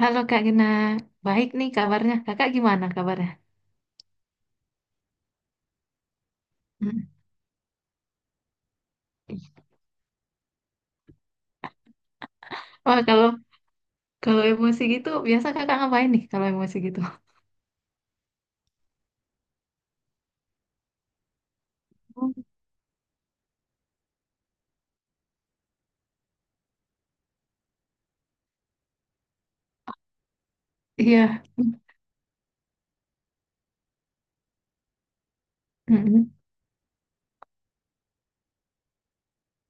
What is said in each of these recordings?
Halo Kak Gena, baik nih kabarnya. Kakak gimana kabarnya? Hmm. Wah kalau kalau emosi gitu, biasa kakak ngapain nih kalau emosi gitu? Oh. Iya, mm-mm,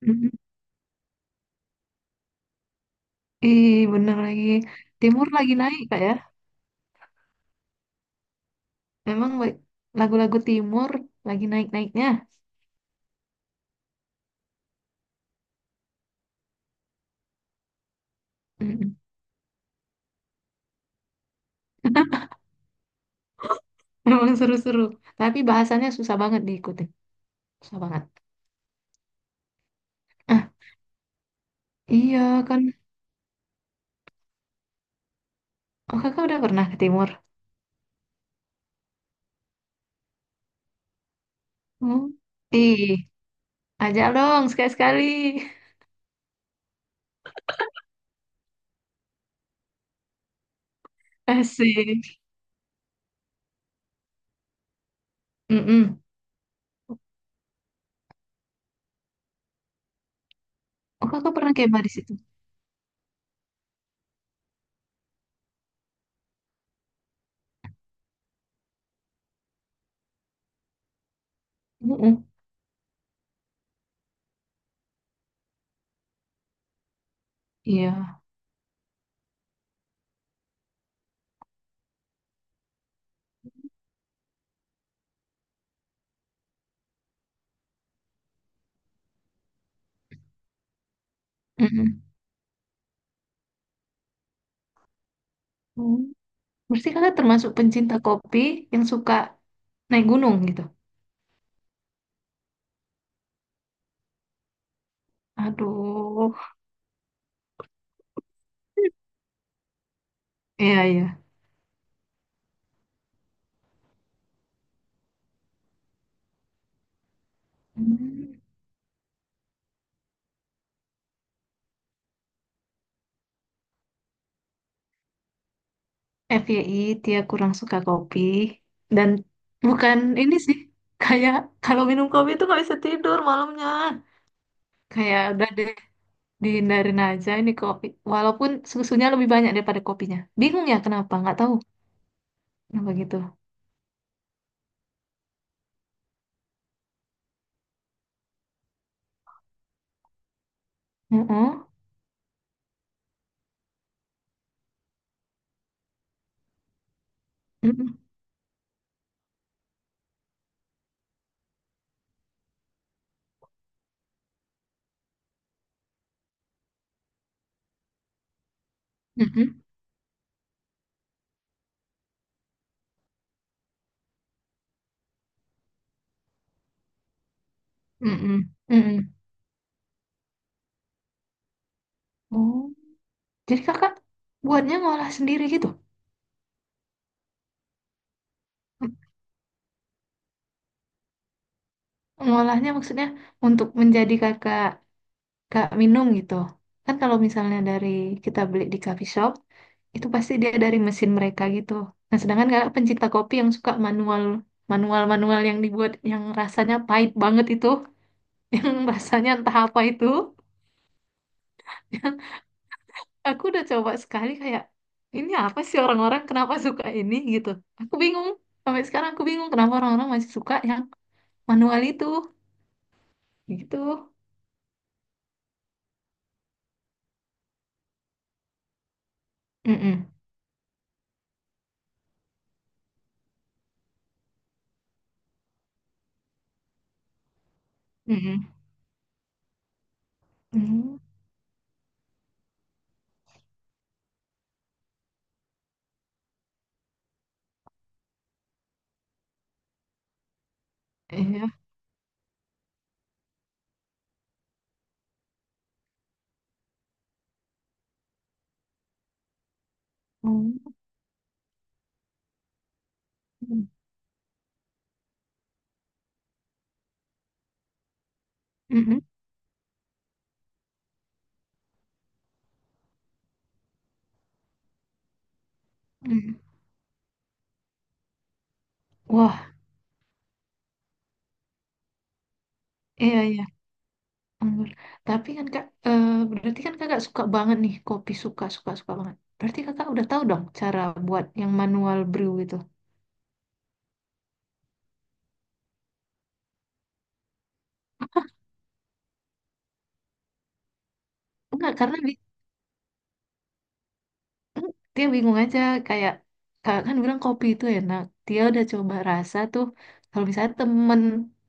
mm-mm. Ih bener lagi. Timur lagi naik Kak ya. Emang lagu-lagu Timur lagi naik-naiknya. Mm-mm. Emang seru-seru. Tapi bahasannya susah banget diikuti. Susah banget. Ah, iya kan. Oh kakak udah pernah ke Timur? Hmm. Ih, ajak dong sekali-sekali. Asik. Mm-mm. Oh, kakak pernah kemah di situ? Mm-mm. Iya. Mm-mm. Hmm. Berarti kakak termasuk pencinta kopi yang suka naik gunung gitu? Aduh. Iya, iya. Hmm. FYI, dia kurang suka kopi. Dan bukan ini sih. Kayak kalau minum kopi itu nggak bisa tidur malamnya. Kayak udah deh, dihindarin aja ini kopi. Walaupun susunya lebih banyak daripada kopinya. Bingung ya kenapa, nggak tahu. Kenapa gitu. Mm-mm, mm-mm, mm-mm, mm-mm, mm-mm. Oh, jadi kakak buatnya ngolah sendiri gitu? M- Ngolahnya maksudnya untuk menjadi kakak kak minum gitu. Kan kalau misalnya dari kita beli di coffee shop, itu pasti dia dari mesin mereka gitu. Nah, sedangkan kakak pencinta kopi yang suka manual manual manual yang dibuat yang rasanya pahit banget itu, yang rasanya entah apa itu. Aku udah coba sekali kayak ini apa sih orang-orang kenapa suka ini gitu. Aku bingung. Sampai sekarang aku bingung kenapa orang-orang masih suka yang manual itu. Gitu. Mm-mm. Mm-mm. Mm. Iya. Mm. Mm-mm. Mm. Wah, iya, iya. Anggur. Tapi kan Kak, eh, berarti kan Kakak suka banget nih kopi suka suka suka banget. Berarti Kakak udah tahu dong cara buat yang manual brew itu. Enggak, karena dia bingung aja kayak kakak kan bilang kopi itu enak, dia udah coba rasa tuh kalau misalnya temen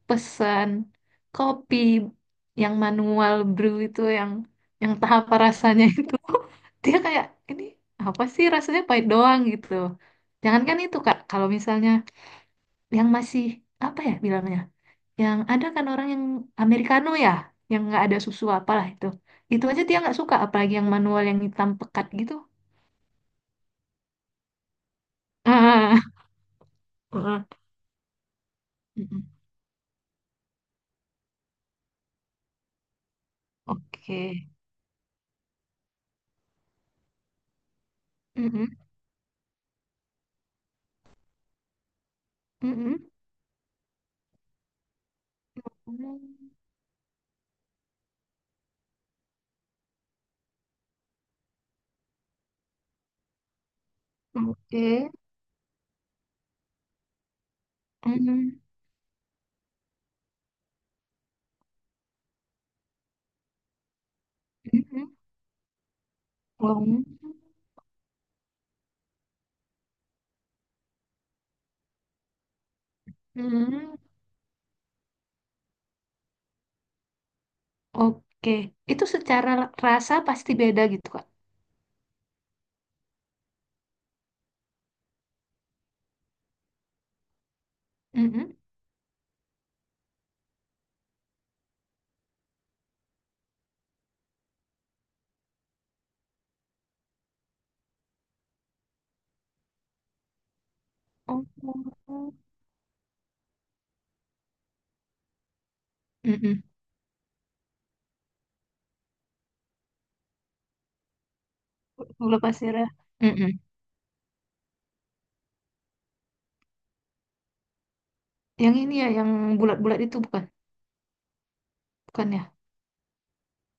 pesan kopi yang manual brew itu yang tahap rasanya itu dia kayak ini apa sih rasanya pahit doang gitu. Jangankan itu kak, kalau misalnya yang masih apa ya bilangnya, yang ada kan orang yang americano ya yang nggak ada susu apalah itu aja dia nggak suka apalagi yang manual yang hitam pekat gitu. Ah, mm-mm. Oke. Mm-mm, mm-mm. Mm. Oke. Mm. Mm-mm. Long. Mm. Oke. Itu secara rasa pasti beda gitu, Kak. Mm-mm. Oh. Mm-mm. Gula pasir ya. Mm-mm. Yang ini ya, yang bulat-bulat itu bukan? Bukan ya?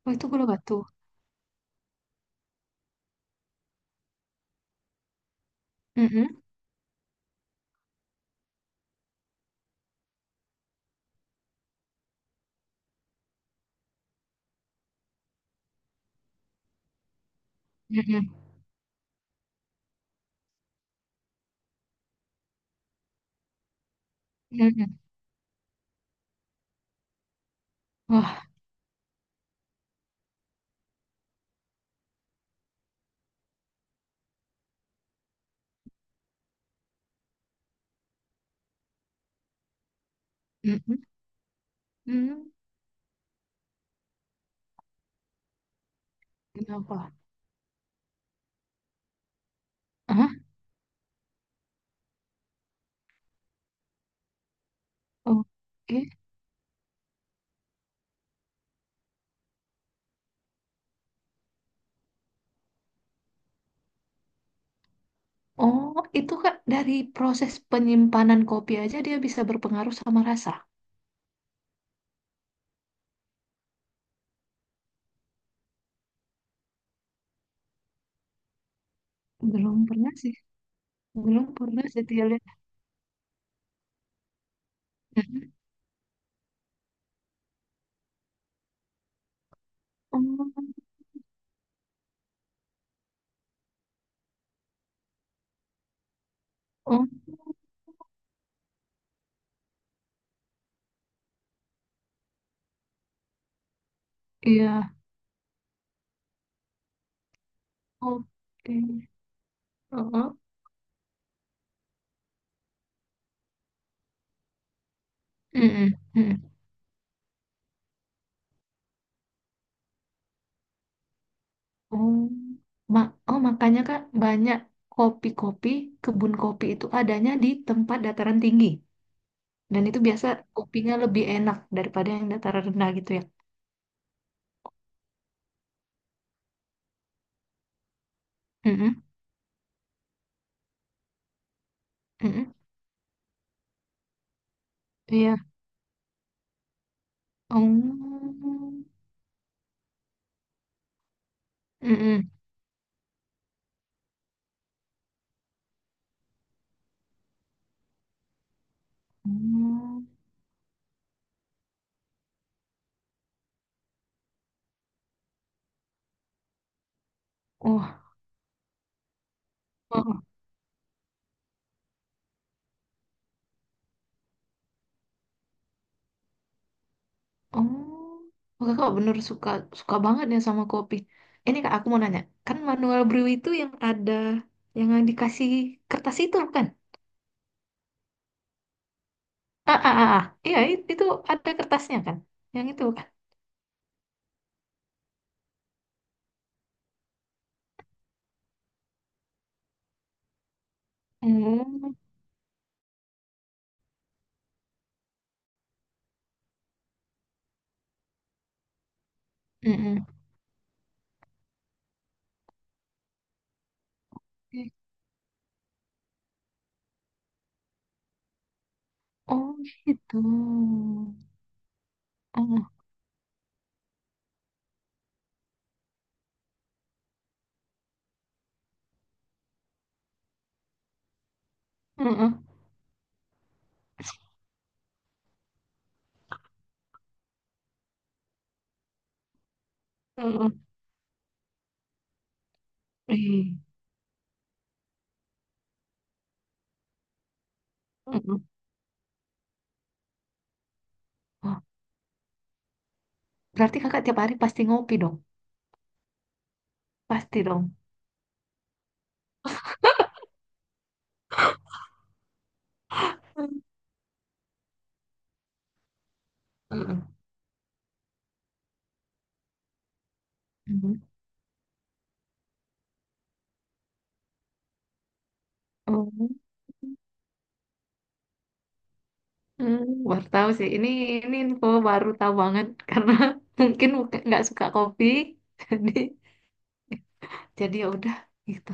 Oh, itu gula batu. Mm-mm, mm-mm, mm-mm. Wah. Mm-mm. Mm. Kenapa? Ah, oke. Oh, itu Kak, dari proses penyimpanan kopi aja dia bisa berpengaruh sama rasa. Belum pernah sih, belum pernah sih dia lihat. Mhm. Oh, oh, iya, oke. Oh, oh. Mm. Oh, oh, makanya Kak, banyak kopi-kopi, kebun kopi itu adanya di tempat dataran tinggi. Dan itu biasa kopinya lebih enak daripada yang dataran rendah gitu ya. Mm-mm, mm-mm. Iya. Oh. Mm-mm. Oh. Oh, oh, oh. Oh, kakak bener suka suka banget ya sama kopi. Ini kak, aku mau nanya, kan manual brew itu yang dikasih kertas itu bukan? Ah, ah, ah, ah. Iya itu ada kertasnya kan? Yang itu bukan? Oh, mm-mm. Oh gitu. Oh, mm-mm. Mm-mm. Ih, mm-mm. Wah, berarti kakak tiap hari pasti ngopi dong? Pasti dong. Mm-mm, mm-mm. Oh. Hmm, baru tahu sih. Ini info baru tahu banget karena mungkin nggak suka kopi, jadi jadi ya udah gitu.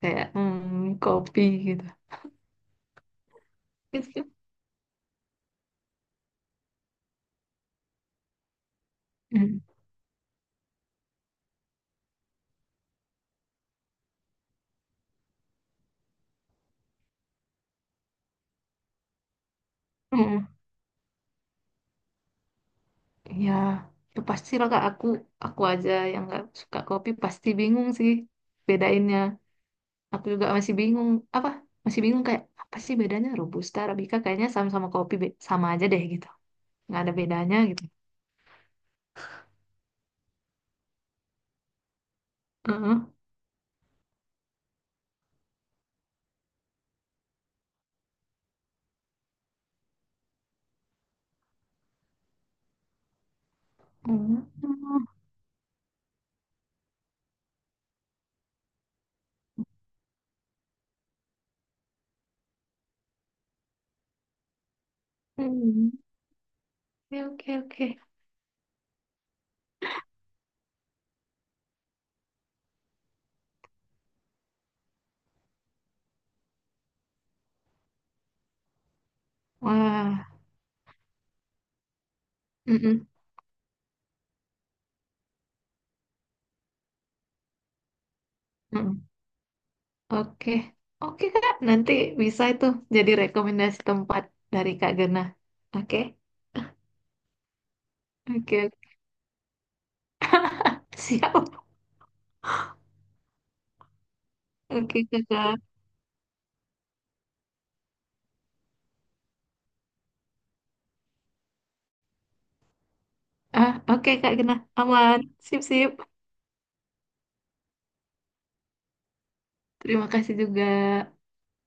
Kayak hmm, kopi gitu. Gitu. Hmm. Hmm. Ya, ya pasti lah Kak. Aku aja yang nggak suka kopi pasti bingung sih bedainnya. Aku juga masih bingung. Apa? Masih bingung kayak apa sih bedanya Robusta, Arabica, kayaknya sama aja deh gitu. Nggak ada bedanya gitu. Heeh. Hmm. Hmm. Oke, oke, oke. Wah, mm-mm, mm-mm. Oke, Oke Kak, nanti bisa itu jadi rekomendasi tempat dari Kak Gena. Oke, oke, siap. Oke Kakak, ah, oke Kak Gena, aman, sip sip. Terima kasih juga.